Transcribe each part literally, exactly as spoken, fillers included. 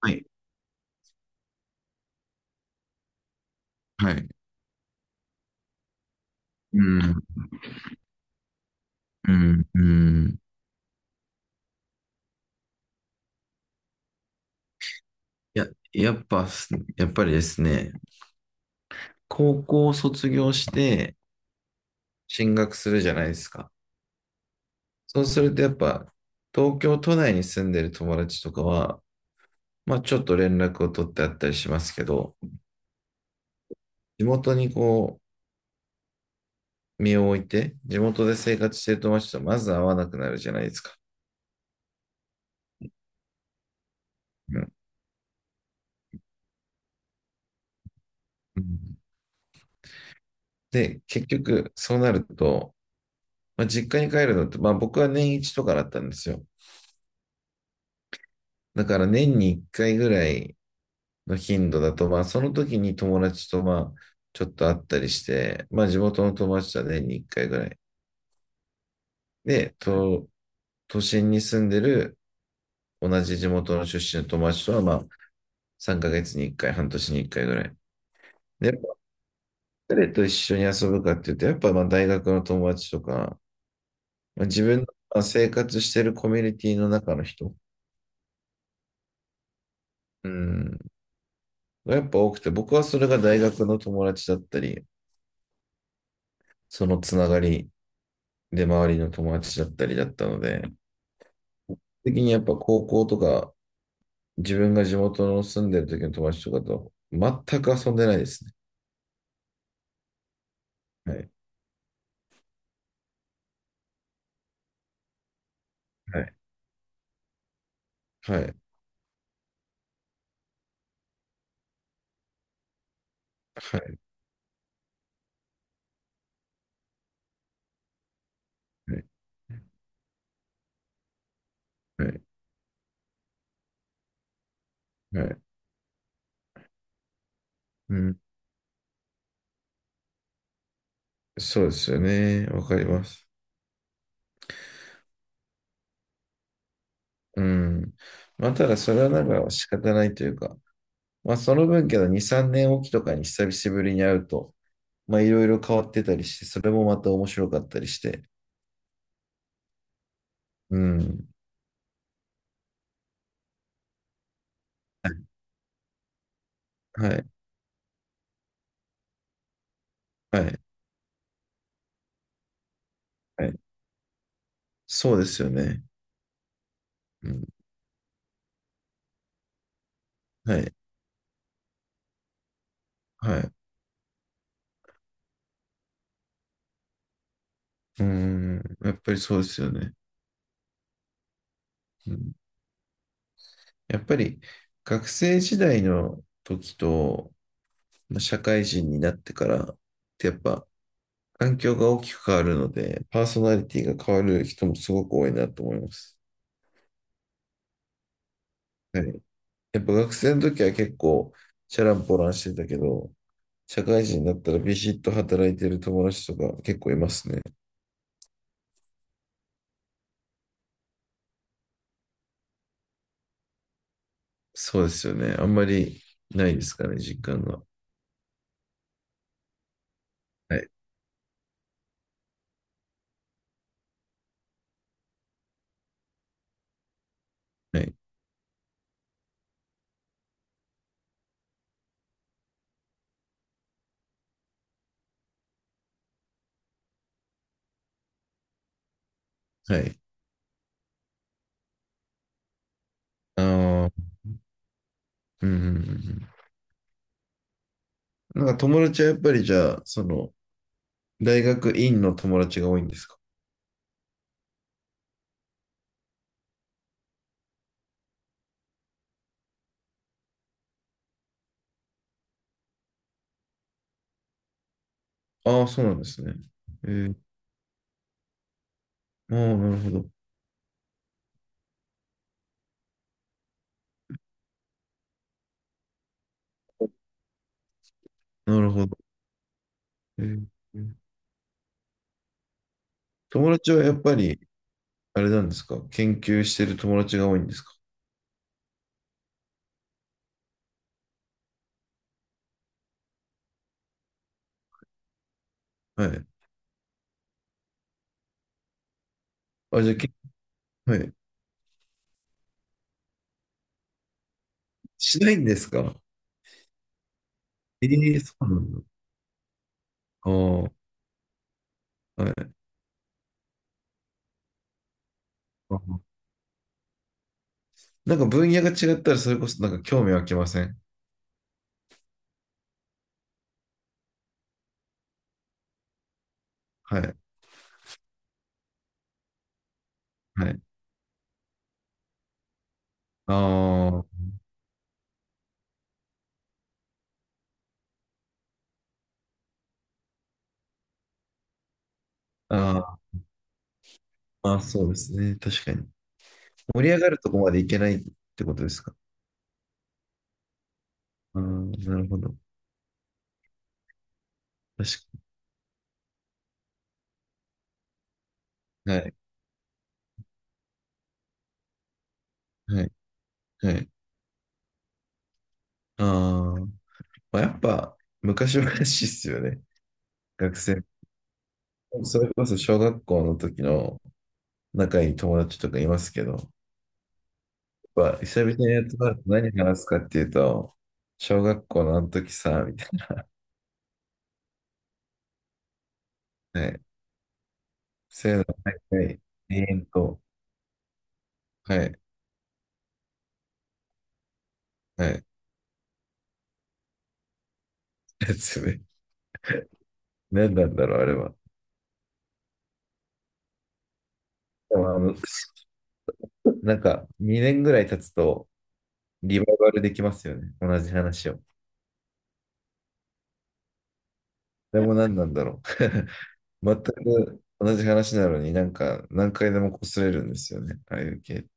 はい。はい。うん、うん、うん。や、やっぱす、やっぱりですね、高校を卒業して進学するじゃないですか。そうするとやっぱ、東京都内に住んでる友達とかは、まあちょっと連絡を取ってあったりしますけど、地元にこう、身を置いて、地元で生活してる友達とまず会わなくなるじゃないですか。うん。うん。で、結局、そうなると、まあ、実家に帰るのって、まあ僕は年一とかだったんですよ。だから年にいっかいぐらいの頻度だと、まあその時に友達とまあちょっと会ったりして、まあ地元の友達とは年にいっかいぐらい。で、と都心に住んでる同じ地元の出身の友達とはまあさんかげつにいっかい、半年にいっかいぐらい。で、誰と一緒に遊ぶかっていうと、やっぱまあ大学の友達とか、まあ、自分の生活してるコミュニティの中の人、うん、がやっぱ多くて、僕はそれが大学の友達だったり、そのつながりで、周りの友達だったりだったので、的にやっぱ高校とか、自分が地元の住んでる時の友達とかと全く遊んでないですね。はい。はい。はい。はい。はい。はい。うん。そうですよね。わかります。うん。まあ、ただそれはなんか仕方ないというか、まあ、その分けどに、さんねんおきとかに久しぶりに会うと、まあ、いろいろ変わってたりして、それもまた面白かったりして。うん。はい。はい。はい。はい。そうですよね。うん。はい。はい。うーん。やっぱりそうですよね。うん、やっぱり学生時代の時と、まあ、社会人になってからってやっぱ環境が大きく変わるので、パーソナリティが変わる人もすごく多いなと思います。はい。やっぱ学生の時は結構チャランポランしてたけど、社会人になったらビシッと働いてる友達とか結構いますね。そうですよね。あんまりないですかね、実感が。はい。はい。はい。ああ、うんうんうんうん。なんか友達はやっぱりじゃあ、その、大学院の友達が多いんですか？ああー、そうなんですね。えー、ああ、なるほど。なるほど。えー、友達はやっぱり、あれなんですか？研究してる友達が多いんですか？はい。あ、じゃあ、け、はい。しないんですか？ええ、そうなんだ。ああ、はい。あ、なんか分野が違ったら、それこそなんか興味湧きません？はい。はい。ああ、ああ、まあそうですね。確かに。盛り上がるとこまでいけないってことですか？ああ、なるほど。確かに。はい。はい。はい。ああ。まあ、やっぱ、昔々っすよね。学生。それこそ小学校の時の仲いい友達とかいますけど、やっぱ、久々に集まると何話すかっていうと、小学校のあの時さ、みたいな。はい。そういうの、はい。はい。延々と。はい。はい。やつね。何なんだろう、あれは。でも、あの、なんか、にねんぐらい経つと、リバイバルできますよね。同じ話を。でも何なんだろう。全く同じ話なのになんか何回でも擦れるんですよね。ああいう系って。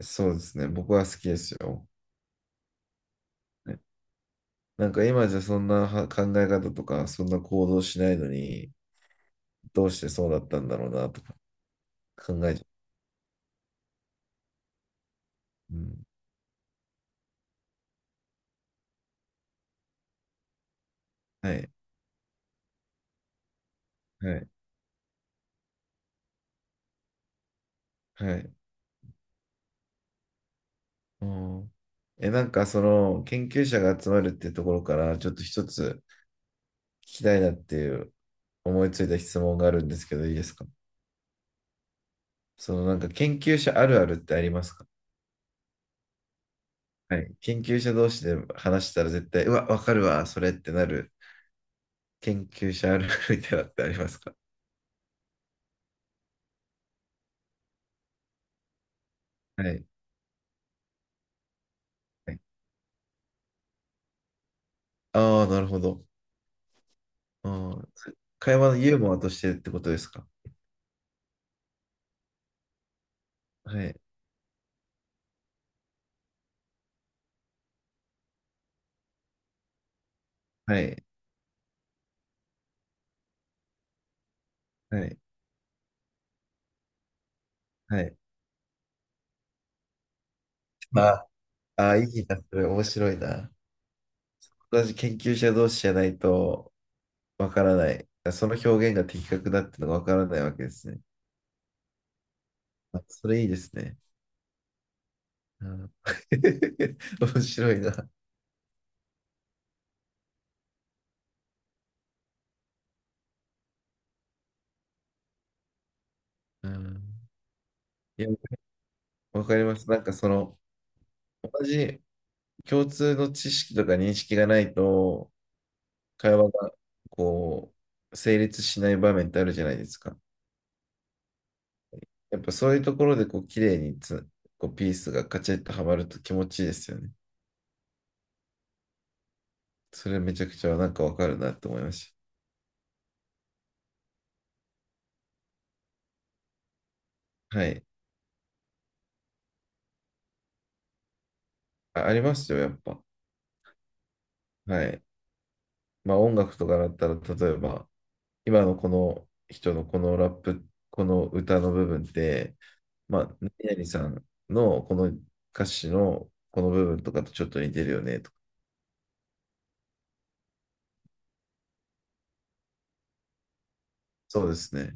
そうですね。僕は好きですよ。ね、なんか今じゃそんなは考え方とか、そんな行動しないのに、どうしてそうだったんだろうなとか考えちゃう。うん。はい。はい。はい。うん。え、なんかその研究者が集まるっていうところから、ちょっと一つ聞きたいなっていう、思いついた質問があるんですけど、いいですか？そのなんか研究者あるあるってありますか？はい、研究者同士で話したら絶対、うわ、わかるわ、それってなる研究者あるあるみたいなのってありますか？ はい。はい、ああ、なるほど。ああ、そ、会話のユーモアとしてってことですか？はい。はい。はい。はい。ああ、いいな、それ面白いな。私、研究者同士じゃないとわからない。その表現が的確だってのがわからないわけですね。あ、それいいですね。うん、面白いな。うん、いや、わかります。なんかその、同じ共通の知識とか認識がないと、会話がこう、成立しない場面ってあるじゃないですか。やっぱそういうところでこう、綺麗につ、こう、ピースがカチッとはまると気持ちいいですよね。それめちゃくちゃなんかわかるなって思いました。はい。あ、ありますよ、やっぱ。はい。まあ音楽とかだったら、例えば、今のこの人のこのラップ、この歌の部分って、まあ、何々さんのこの歌詞のこの部分とかとちょっと似てるよねとか。そうですね。